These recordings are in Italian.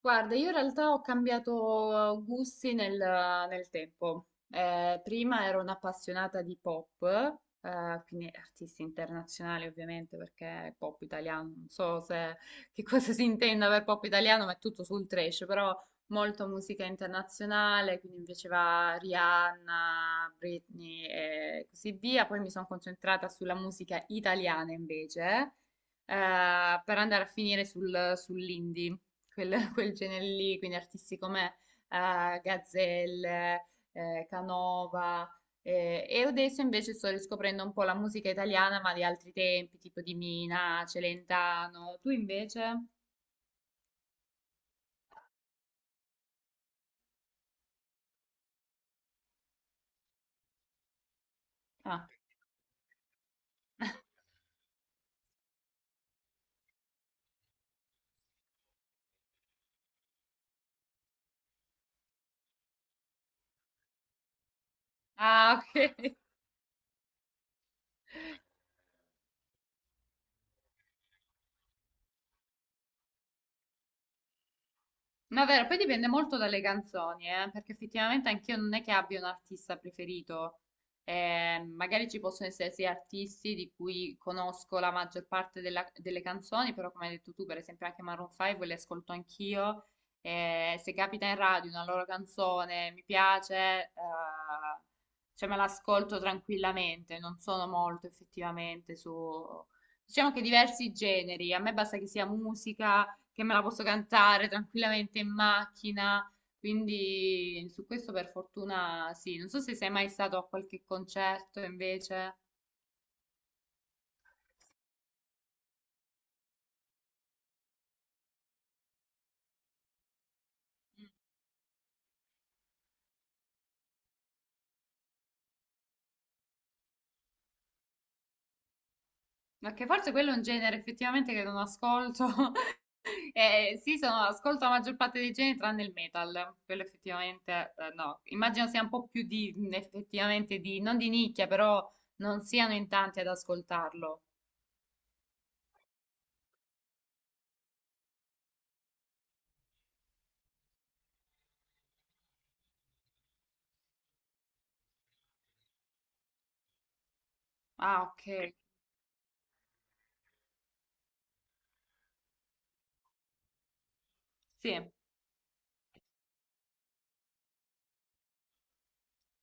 Guarda, io in realtà ho cambiato gusti nel tempo. Prima ero un'appassionata di pop, quindi artisti internazionali ovviamente, perché pop italiano, non so se, che cosa si intenda per pop italiano, ma è tutto sul trash, però molto musica internazionale, quindi mi piaceva Rihanna, Britney e così via. Poi mi sono concentrata sulla musica italiana invece, per andare a finire sull'indie quel, quel genere lì, quindi artisti come Gazzelle, Canova. E adesso invece sto riscoprendo un po' la musica italiana, ma di altri tempi, tipo di Mina, Celentano. Tu invece? Ah, ah, ok. No, è vero, poi dipende molto dalle canzoni, perché effettivamente anch'io non è che abbia un artista preferito. Magari ci possono essere sì artisti di cui conosco la maggior parte delle canzoni, però come hai detto tu, per esempio anche Maroon 5 le ascolto anch'io. Se capita in radio una loro canzone, mi piace, cioè me l'ascolto tranquillamente, non sono molto effettivamente su... Diciamo che diversi generi, a me basta che sia musica che me la posso cantare tranquillamente in macchina. Quindi su questo per fortuna sì. Non so se sei mai stato a qualche concerto invece, ma che forse quello è un genere effettivamente che non ascolto. Sì, sono, ascolto la maggior parte dei generi tranne il metal, quello effettivamente no. Immagino sia un po' più di, effettivamente di, non di nicchia, però non siano in tanti ad ascoltarlo. Ah, ok. Sì.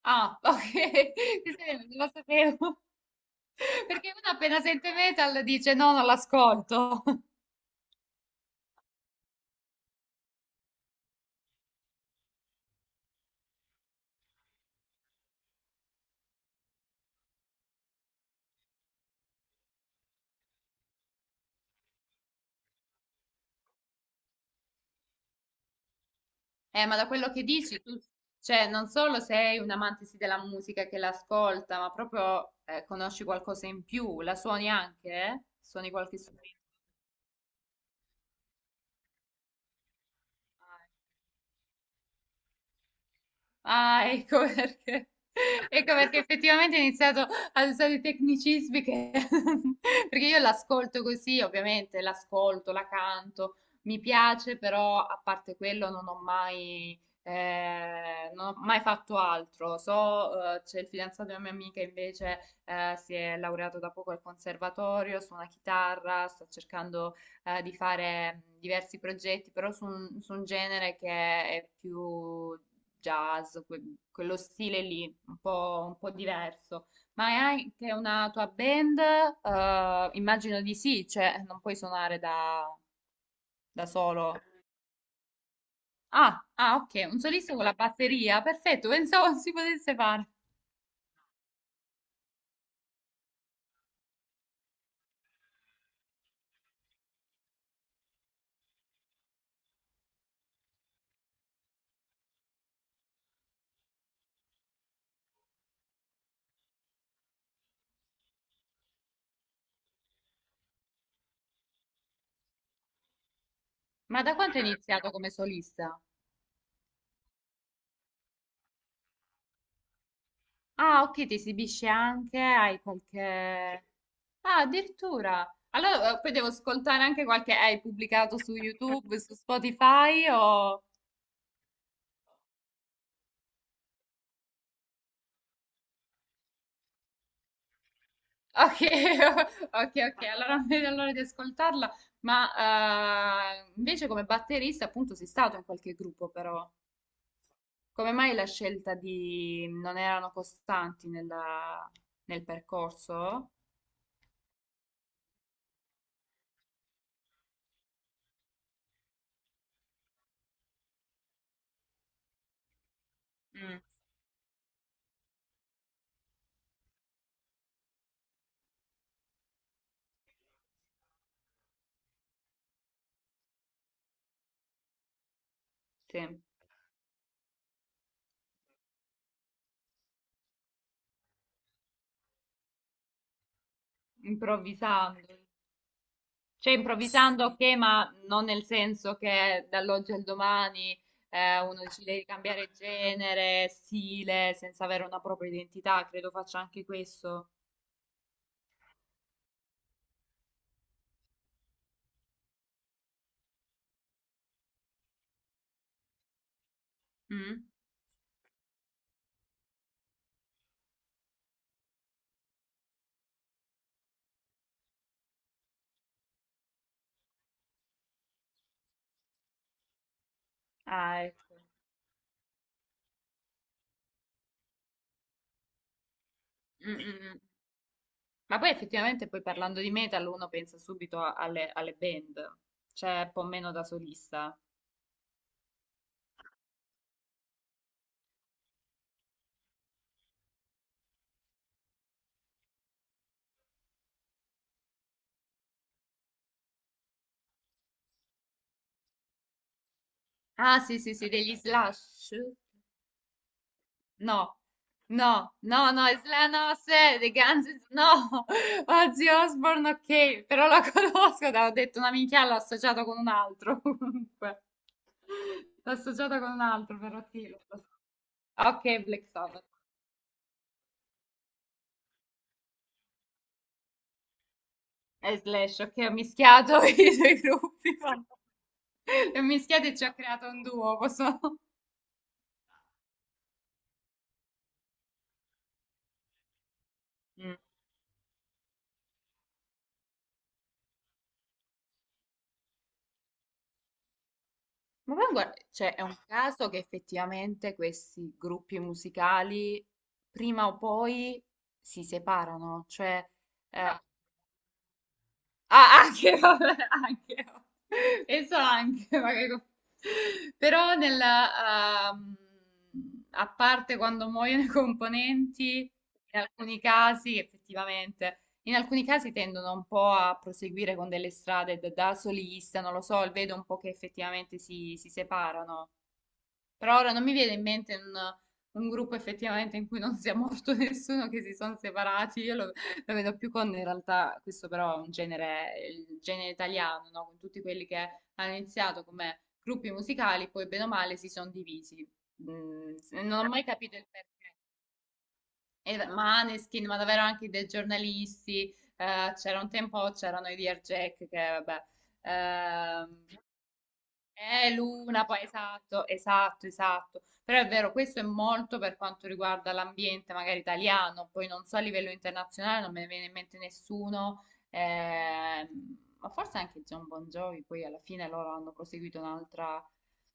Ah, ok. Sì, sì, non lo sapevo. Perché uno appena sente metal dice no, non l'ascolto. Ma da quello che dici, tu, cioè, non solo sei un amante sì della musica che l'ascolta, ma proprio conosci qualcosa in più, la suoni anche, eh? Suoni qualche strumento. Ah, ecco perché. Ecco perché effettivamente ho iniziato ad usare i tecnicismi che... perché io l'ascolto così, ovviamente l'ascolto, la canto, mi piace, però a parte quello non ho mai, non ho mai fatto altro. So, c'è il fidanzato di una mia amica invece si è laureato da poco al conservatorio, suona chitarra, sta cercando di fare diversi progetti, però su su un genere che è più jazz, quello stile lì, un po' diverso. Ma hai anche una tua band? Immagino di sì, cioè non puoi suonare da solo. Ah, ah, ok, un solista con la batteria, perfetto, pensavo si potesse fare. Ma da quanto hai iniziato come solista? Ah, ok, ti esibisci anche, hai qualche... Ah, addirittura. Allora, poi devo ascoltare anche qualche... Hai pubblicato su YouTube, su Spotify o... Ok, ok, ok, allora non vedo l'ora di ascoltarla, ma invece come batterista appunto sei stato in qualche gruppo però, come mai la scelta di non erano costanti nel percorso? Mm, sì, improvvisando, cioè improvvisando ok, ma non nel senso che dall'oggi al domani uno decide di cambiare genere, stile, senza avere una propria identità, credo faccia anche questo. Mm? Ah, ecco. Mm, mm, mm. Ma poi effettivamente poi parlando di metal uno pensa subito alle, alle band, c'è un po' meno da solista. Ah sì sì sì, degli Slash? No, no, no, no, Slash no, se, The Guns, N' no, Ozzy Osbourne ok, però la conosco, te l'ho detto una minchia, l'ho associato con un altro comunque, l'ho associato con un altro però sì, lo so. Ok, Black Sabbath, e Slash, ok, ho mischiato i due gruppi. E mischiate ci ha creato un duo, posso... Mm. Ma poi guarda, cioè, è un caso che effettivamente questi gruppi musicali prima o poi si separano, cioè eh, ah, anche, vabbè, anche, penso anche, magari. Però a parte quando muoiono i componenti, in alcuni casi, effettivamente, in alcuni casi tendono un po' a proseguire con delle strade da solista, non lo so, vedo un po' che effettivamente si separano. Però ora non mi viene in mente un gruppo effettivamente in cui non sia morto nessuno, che si sono separati. Io lo vedo più con, in realtà, questo però è un genere, il genere italiano, no? Con tutti quelli che hanno iniziato come gruppi musicali, poi bene o male si sono divisi. Mm, non ho mai capito il perché. E Maneskin, ma davvero anche dei giornalisti. C'era un tempo, c'erano i Dear Jack, che vabbè. ehm, L'una, poi esatto, esatto, esatto. Però è vero, questo è molto per quanto riguarda l'ambiente, magari italiano, poi non so a livello internazionale, non me ne viene in mente nessuno, ma forse anche John Bon Jovi, poi alla fine loro hanno proseguito un'altra...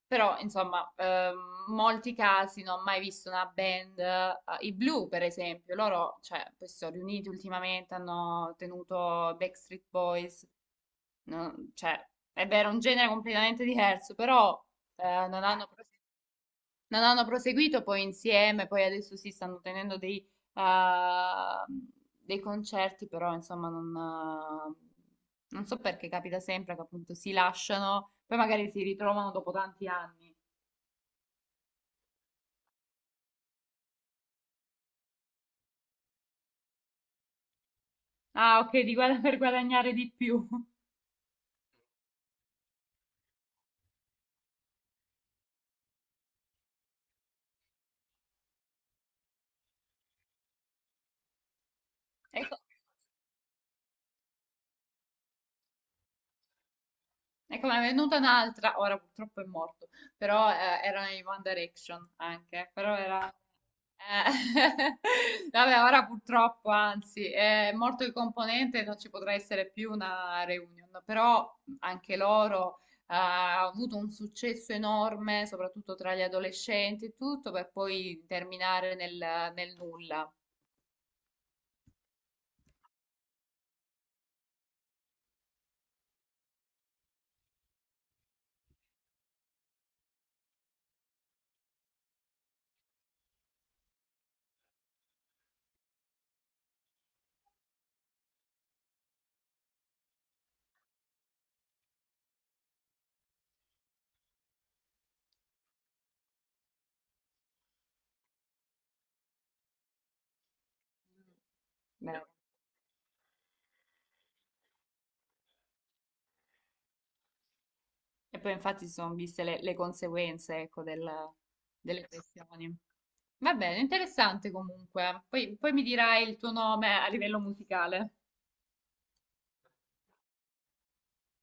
Però, insomma, molti casi non ho mai visto una band, i Blue per esempio, loro, cioè, poi si sono riuniti ultimamente, hanno tenuto Backstreet Boys, no, cioè, è vero, è un genere completamente diverso, però non hanno, non hanno proseguito poi insieme, poi adesso si stanno tenendo eh, dei concerti, però insomma non so perché capita sempre che appunto si lasciano, poi magari si ritrovano dopo tanti anni. Ah, ok, di per guadagnare di più. Ecco. Ecco, ne è venuta un'altra, ora purtroppo è morto, però era in One Direction anche, però era... eh, Vabbè, ora purtroppo, anzi, è morto il componente, non ci potrà essere più una reunion, però anche loro ha avuto un successo enorme, soprattutto tra gli adolescenti e tutto, per poi terminare nel nulla. Beh, e poi infatti si sono viste le conseguenze, ecco, delle questioni. Va bene, interessante comunque. Poi, poi mi dirai il tuo nome a livello musicale.